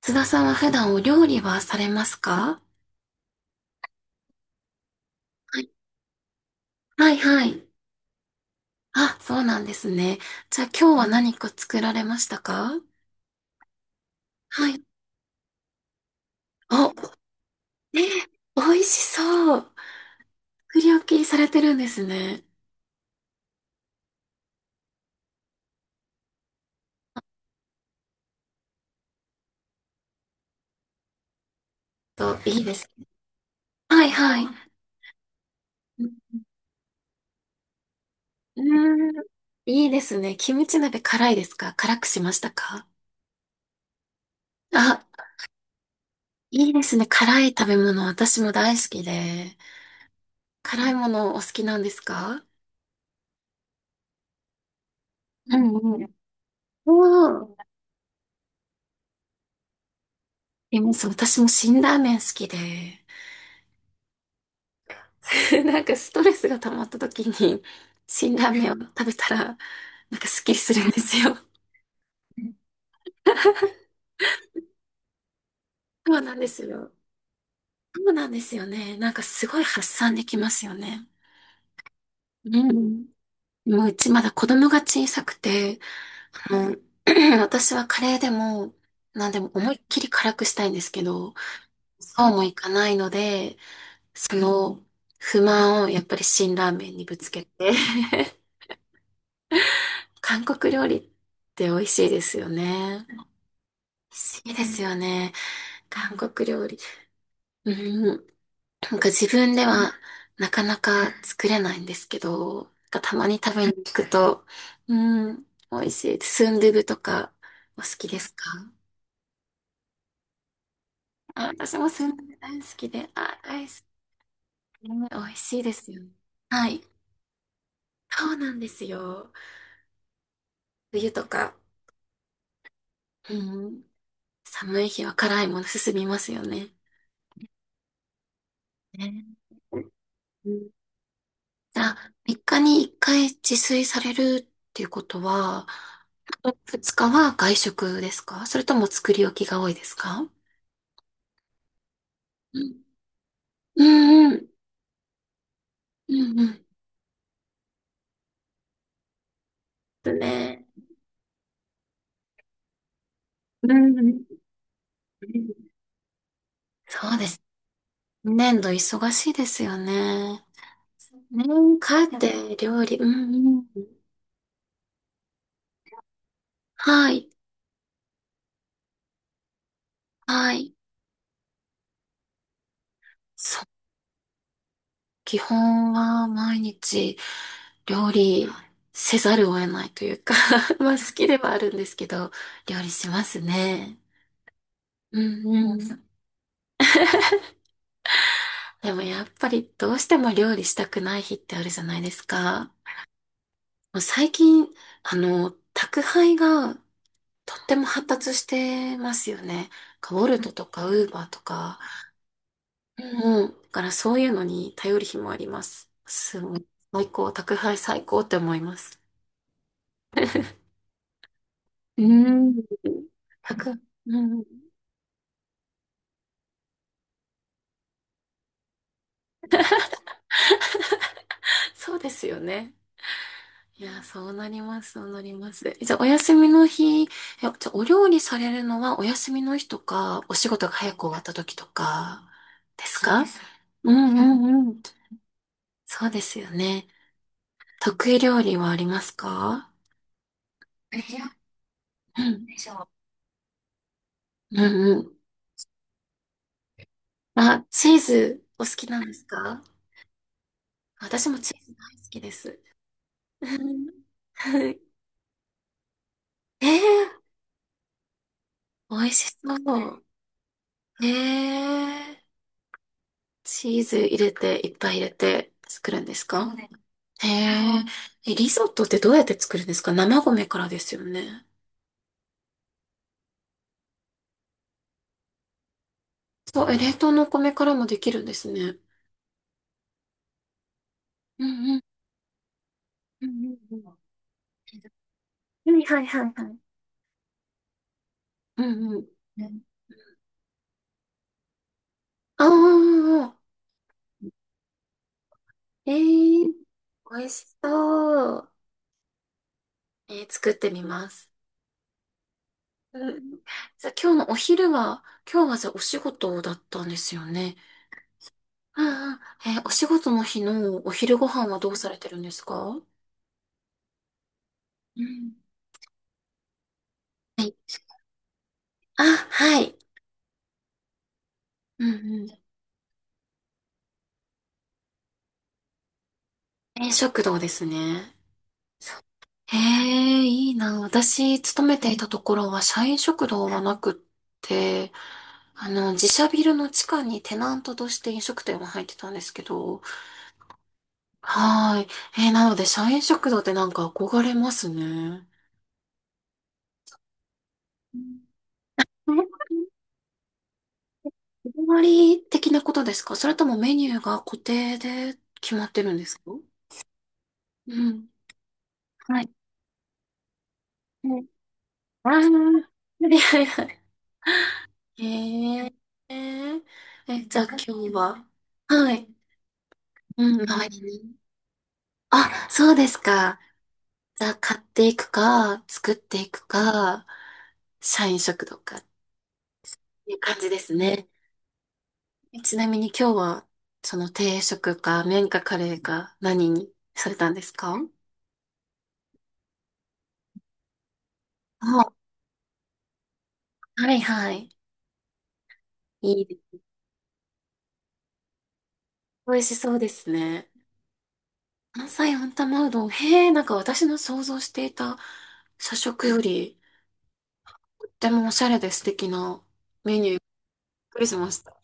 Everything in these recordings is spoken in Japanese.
津田さんは普段お料理はされますか？はい、はい、はい。あ、そうなんですね。じゃあ今日は何か作られましたか？はい。お、えー、美味しそう。作り置きされてるんですね。と、いいです。はい、はい。うーん、いいですね。キムチ鍋辛いですか？辛くしましたか？あ、いいですね。辛い食べ物、私も大好きで。辛いものお好きなんですか？うんうん。おーいます。私も辛ラーメン好きで、なんかストレスが溜まった時に、辛ラーメンを食べたら、なんかスッキリするんですよ。うんそうなんですよ。そうなんですよね。なんかすごい発散できますよね。うん。もううちまだ子供が小さくて、あの 私はカレーでも、なんでも思いいっきり辛くしたいんですけど、そうもいかないので、その不満をやっぱり辛ラーメンにぶつけて 韓国料理って美味しいですよね。美味しいですよね。韓国料理。うん。なんか自分ではなかなか作れないんですけど、なんかたまに食べに行くと、うん、美味しいです。スンドゥブとかお好きですか？あ、私もスンドゥブ大好きで、あ、大好き。うん美味しいですよね。はい。そうなんですよ。冬とか、うん、寒い日は辛いもの進みますよね。ねうんあ、3日に1回自炊されるっていうことは、2日は外食ですか？それとも作り置きが多いですか？うんうんうん。うんうん。ですね。うんうん。そうです。年度忙しいですよね。ね、家庭料理。うんうん。はい。はい。基本は毎日料理せざるを得ないというか まあ好きではあるんですけど、料理しますね。うんうん。でもやっぱりどうしても料理したくない日ってあるじゃないですか。もう最近、宅配がとっても発達してますよね。ウォルトとかウーバーとか。うんうだからそういうのに頼る日もあります。すごい最高、宅配最高って思います。うーん。1うん。そうですよね。いや、そうなります、そうなります。じゃあ、お休みの日、じゃあ、お料理されるのはお休みの日とか、お仕事が早く終わった時とか、ですか？そうかです。うんうんうん。そうですよね。得意料理はありますか？いや、うん。でしょううんうん。あ、チーズお好きなんですか？私もチーズ大好きです。うん えー、美味しそう。へえ、チーズ入れて、いっぱい入れて作るんですか？そうかです。へえ、リゾットってどうやって作るんですか？生米からですよね。そう、冷凍のお米からもできるんですね。うんうん。うんうん。はいはいはいはい。うんうん。うんああ、えー、美味しそう。作ってみます。うん。じゃあ今日のお昼は、今日はじゃあお仕事だったんですよね。ああ、お仕事の日のお昼ご飯はどうされてるんですか？うんはいあ、はい。うんうん。食堂ですね。そうへえ、いいな。私、勤めていたところは社員食堂はなくって、自社ビルの地下にテナントとして飲食店が入ってたんですけど、はーい。なので、社員食堂ってなんか憧れますね。うん日替わり的なことですか？それともメニューが固定で決まってるんですか？うん。はい。はいああ、はいはいはい。ええ。えー、じゃあ今日は。はい。うん、はい。あ、そうですか。じゃあ買っていくか、作っていくか、社員食堂かっていう感じですね。ちなみに今日は、その定食か、麺かカレーか、何にされたんですか？あ、はいはい。いいですね美味しそうですね。関西温玉うどん。へえ、なんか私の想像していた社食より、とってもおしゃれで素敵なメニュー、びっくりしました。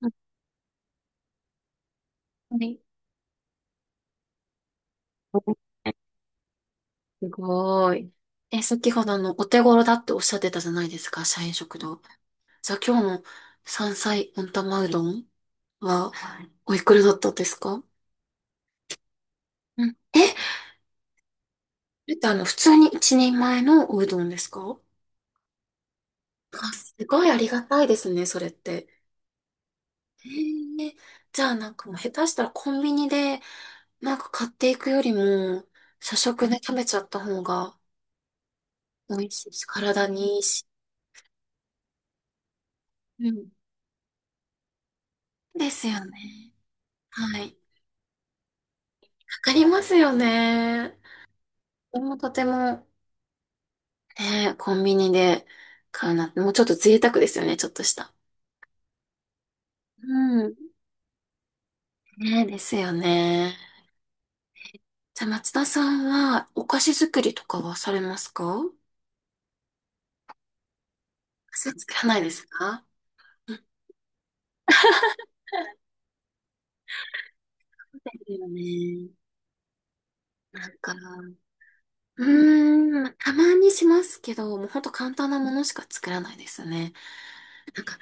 本当にすごい。先ほどお手頃だっておっしゃってたじゃないですか、社員食堂。じゃあ今日の山菜温玉うどんは、おいくらだったんですか？うん。これって普通に一人前のおうどんですか？あ、すごいありがたいですね、それって。へえじゃあなんかもう下手したらコンビニでなんか買っていくよりも社食で食べちゃった方が美味しいし、体にいいし。うん。ですよね。はい。かかりますよね。でもとても、ね、コンビニで買うなんて、もうちょっと贅沢ですよね、ちょっとした。うん。ね、ですよね。じゃあ松田さんはお菓子作りとかはされますか？お菓子作らないですか？ですよね。なんかうーん、まあたまにしますけど、もうほんと簡単なものしか作らないですね。なんか、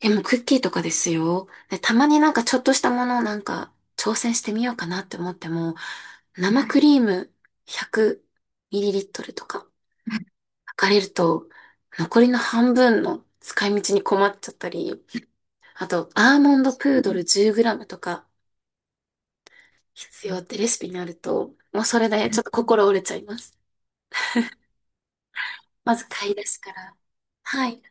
でもクッキーとかですよ。で、たまになんかちょっとしたものをなんか挑戦してみようかなって思っても、生クリーム 100 mL とか測れると、残りの半分の使い道に困っちゃったり、あと、アーモンドプードル 10 g とか必要ってレシピになると、もうそれでちょっと心折れちゃいます。まず買い出しから。はい。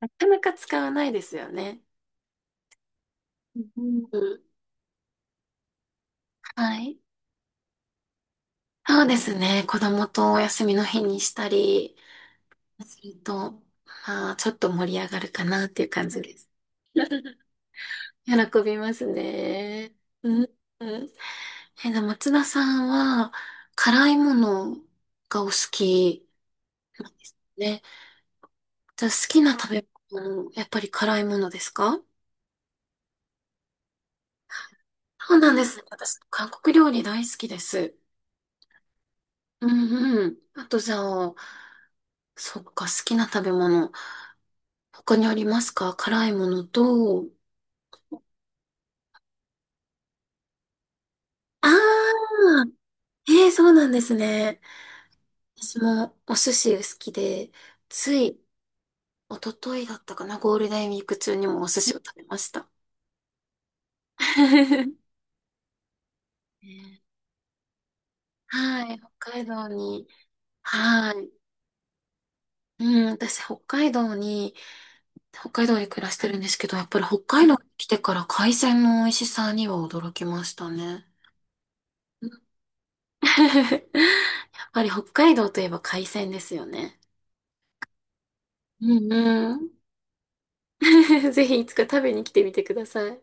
なかなか使わないですよね。うん、うん。はい。そうですね。子供とお休みの日にしたりすると、まあ、ちょっと盛り上がるかなっていう感じです。喜びますね。うん。うん。でも松田さんは、辛いものがお好きなんですね。じゃあ、好きな食べ物やっぱり辛いものですか？そうなんですね私、韓国料理大好きです。うんうん。あと、じゃあ、そっか、好きな食べ物。他にありますか？辛いものと。ああ、ええそうなんですね。私もお寿司好きで、つい一昨日だったかな、ゴールデンウィーク中にもお寿司を食べました。ねはい、北海道に、はい。うん、私、北海道に暮らしてるんですけど、やっぱり北海道に来てから海鮮の美味しさには驚きましたね。やっぱり北海道といえば海鮮ですよね。うんうん。ぜひいつか食べに来てみてください。